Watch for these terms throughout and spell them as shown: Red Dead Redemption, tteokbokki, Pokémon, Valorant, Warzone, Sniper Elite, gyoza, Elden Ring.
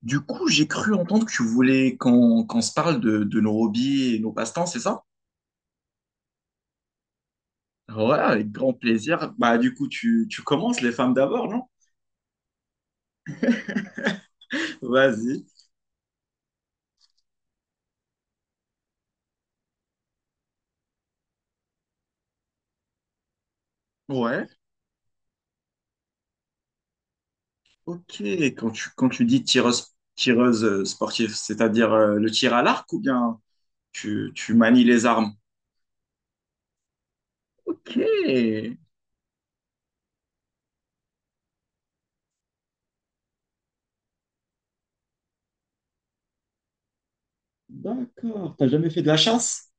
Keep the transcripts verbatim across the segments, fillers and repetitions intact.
Du coup, j'ai cru entendre que tu voulais qu'on qu'on se parle de, de nos hobbies et nos passe-temps, c'est ça? Ouais, avec grand plaisir. Bah, du coup, tu, tu commences les femmes d'abord, non? Vas-y. Ouais. Ok. Quand tu, quand tu dis tireuse, tireuse euh, sportive, c'est-à-dire euh, le tir à l'arc ou bien tu, tu manies les armes? Ok. D'accord. T'as jamais fait de la chasse?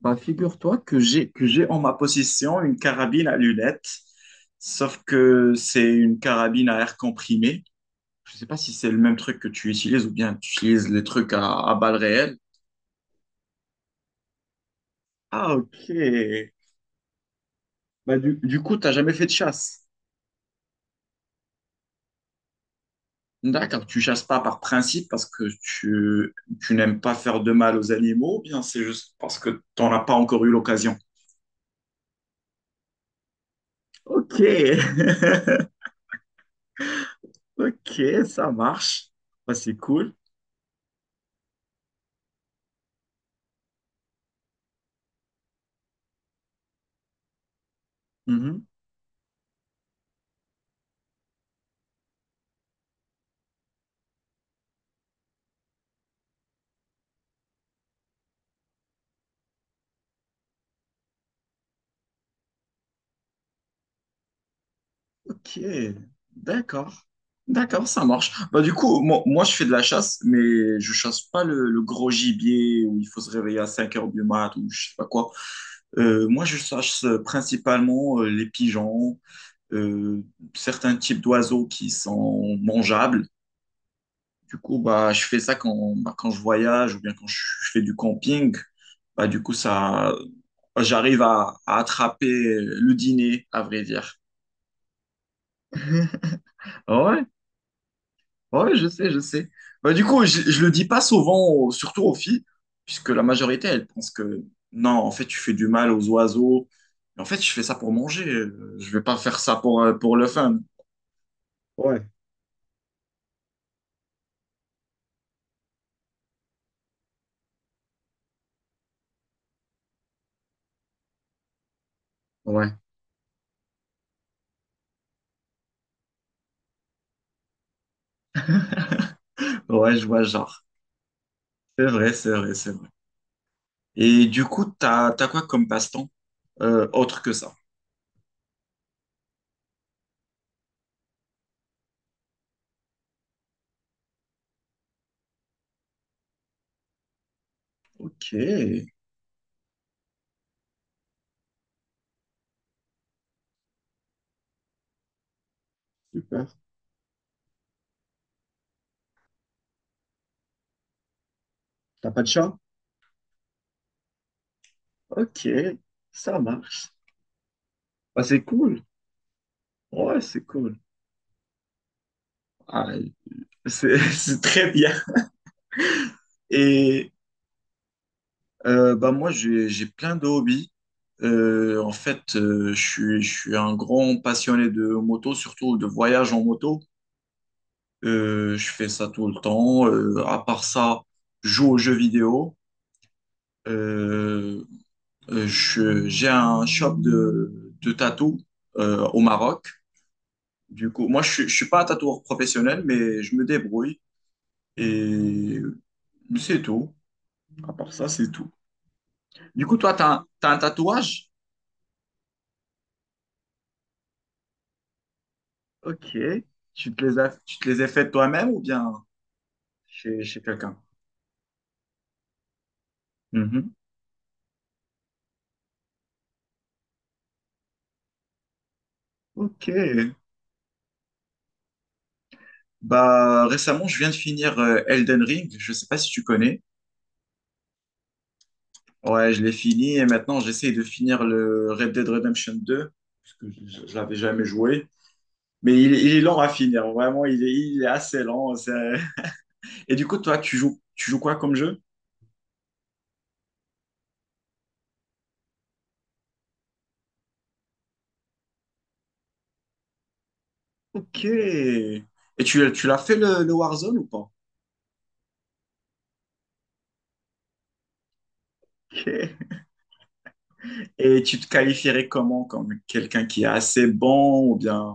Bah, figure-toi que j'ai que j'ai en ma possession une carabine à lunettes, sauf que c'est une carabine à air comprimé. Je sais pas si c'est le même truc que tu utilises ou bien tu utilises les trucs à, à balles réelles. Ah, ok. Bah, du, du coup, t'as jamais fait de chasse. D'accord, tu chasses pas par principe parce que tu, tu n'aimes pas faire de mal aux animaux, ou bien c'est juste parce que t'en as pas encore eu l'occasion. Ok, ok, ça marche. Bah, c'est cool. Mhm. Ok, d'accord. D'accord, ça marche. Bah, du coup, moi, moi, je fais de la chasse, mais je chasse pas le, le gros gibier où il faut se réveiller à cinq heures du mat ou je sais pas quoi. Euh, moi, je chasse principalement euh, les pigeons, euh, certains types d'oiseaux qui sont mangeables. Du coup, bah, je fais ça quand, bah, quand je voyage ou bien quand je fais du camping. Bah, du coup, ça, j'arrive à, à attraper le dîner, à vrai dire. Ouais, ouais, je sais, je sais. Bah, du coup, je, je le dis pas souvent, au- surtout aux filles, puisque la majorité, elles pensent que non, en fait, tu fais du mal aux oiseaux. Mais en fait, je fais ça pour manger. euh, Je vais pas faire ça pour, euh, pour le fun. Ouais. Ouais, ouais, je vois le genre. C'est vrai, c'est vrai, c'est vrai. Et du coup, t'as, t'as quoi comme passe-temps euh, autre que ça? Ok, super. T'as pas de chat? Ok, ça marche. Bah, c'est cool. Ouais, c'est cool. Ah, c'est c'est très bien. Et Euh, bah moi, j'ai j'ai plein de hobbies. Euh, en fait, euh, je suis, je suis un grand passionné de moto, surtout de voyage en moto. Euh, je fais ça tout le temps. Euh, à part ça, je joue aux jeux vidéo. Euh, euh, je- j'ai un shop de, de tatou euh, au Maroc. Du coup, moi, je suis- je suis pas un tatoueur professionnel, mais je me débrouille. Et c'est tout. À part ça, c'est tout. Du coup, toi, tu as, un t'as un tatouage? Ok. Tu te les as, tu te les as faites toi-même ou bien chez, chez quelqu'un? Mhm. Ok. Bah, récemment, je viens de finir euh, Elden Ring. Je sais pas si tu connais. Ouais, je l'ai fini et maintenant j'essaye de finir le Red Dead Redemption deux parce que je, je l'avais jamais joué. Mais il, est il est lent à finir. Vraiment, il est, il est assez lent. c'est- Et du coup, toi, tu joues, tu joues quoi comme jeu? Ok. Et tu, tu l'as fait le, le Warzone ou pas? Ok. Et tu te qualifierais comment? Comme quelqu'un qui est assez bon ou bien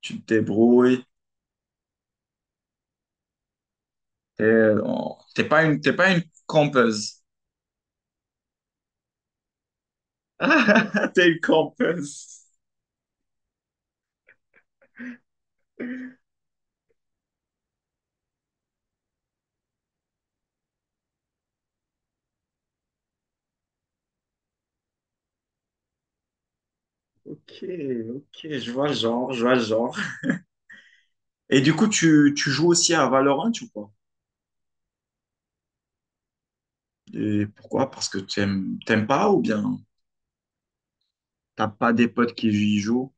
tu te débrouilles? T'es, oh, t'es pas une, t'es pas une campeuse. Ah, t'es une campeuse. Ok, ok, je vois le genre, je vois le genre. Et du coup, tu, tu joues aussi à Valorant ou pas? Et pourquoi? Parce que t'aimes, t'aimes pas ou bien t'as pas des potes qui y jouent?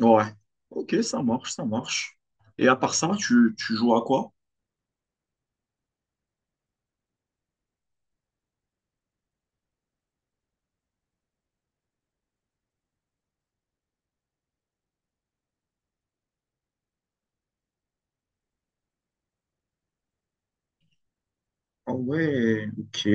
Ouais. Ok, ça marche, ça marche. Et à part ça, tu, tu joues à quoi? Ah ouais, ok.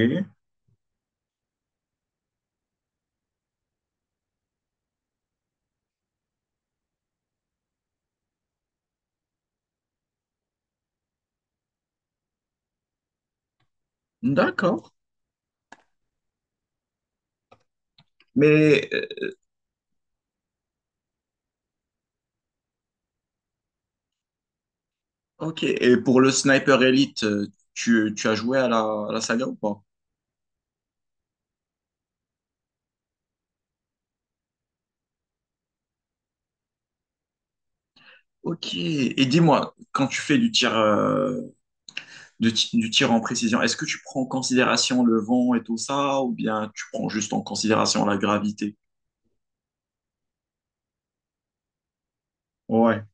D'accord. Mais euh, ok, et pour le Sniper Elite, euh, tu, tu as joué à la, à la saga ou pas? Ok, et dis-moi, quand tu fais du tir, euh, de ti- du tir en précision, est-ce que tu prends en considération le vent et tout ça, ou bien tu prends juste en considération la gravité? Ouais,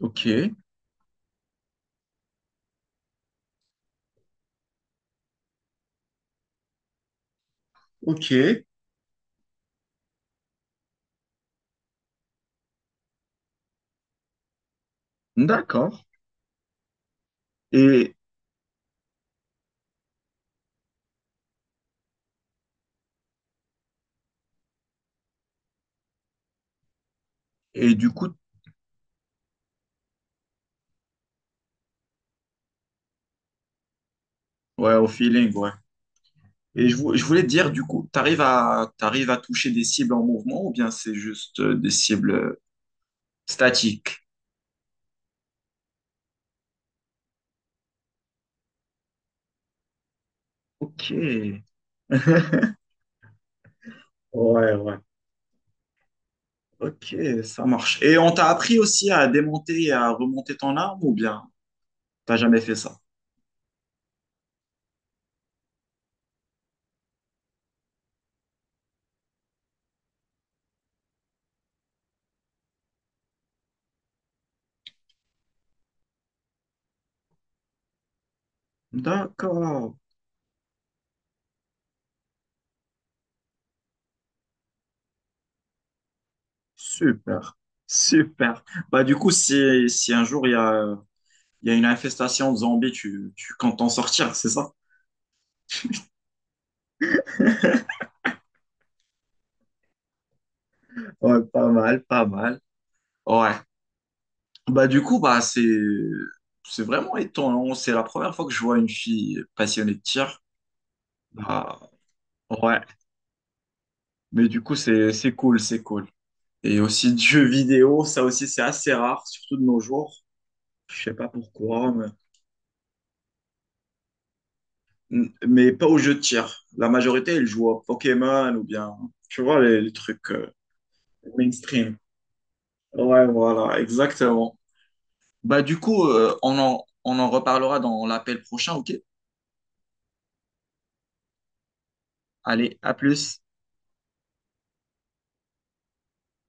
ok, ok, d'accord. Et, et du coup, ouais, au feeling, ouais. Et je, vou- je voulais te dire, du coup, t'arrives à, t'arrives à toucher des cibles en mouvement, ou bien c'est juste euh, des cibles euh, statiques? Ok. Ouais, ouais. Ok, ça marche. Et on t'a appris aussi à démonter et à remonter ton arme ou bien t'as jamais fait ça? D'accord, super, super. Bah du coup, si, si un jour il y a, il y a une infestation de zombies, tu, tu comptes t'en sortir, c'est ça? Ouais, pas mal, pas mal. Ouais. Bah du coup, bah c'est c'est vraiment étonnant. C'est la première fois que je vois une fille passionnée de tir. Bah, ouais. Mais du coup, c'est c'est cool, c'est cool. Et aussi de jeux vidéo, ça aussi c'est assez rare, surtout de nos jours. Je sais pas pourquoi, mais, mais pas aux jeux de tir. La majorité, ils jouent à Pokémon ou bien, tu vois, les, les trucs euh, mainstream. Ouais, voilà, exactement. Bah du coup, euh, on en, on en reparlera dans l'appel prochain, ok? Allez, à plus.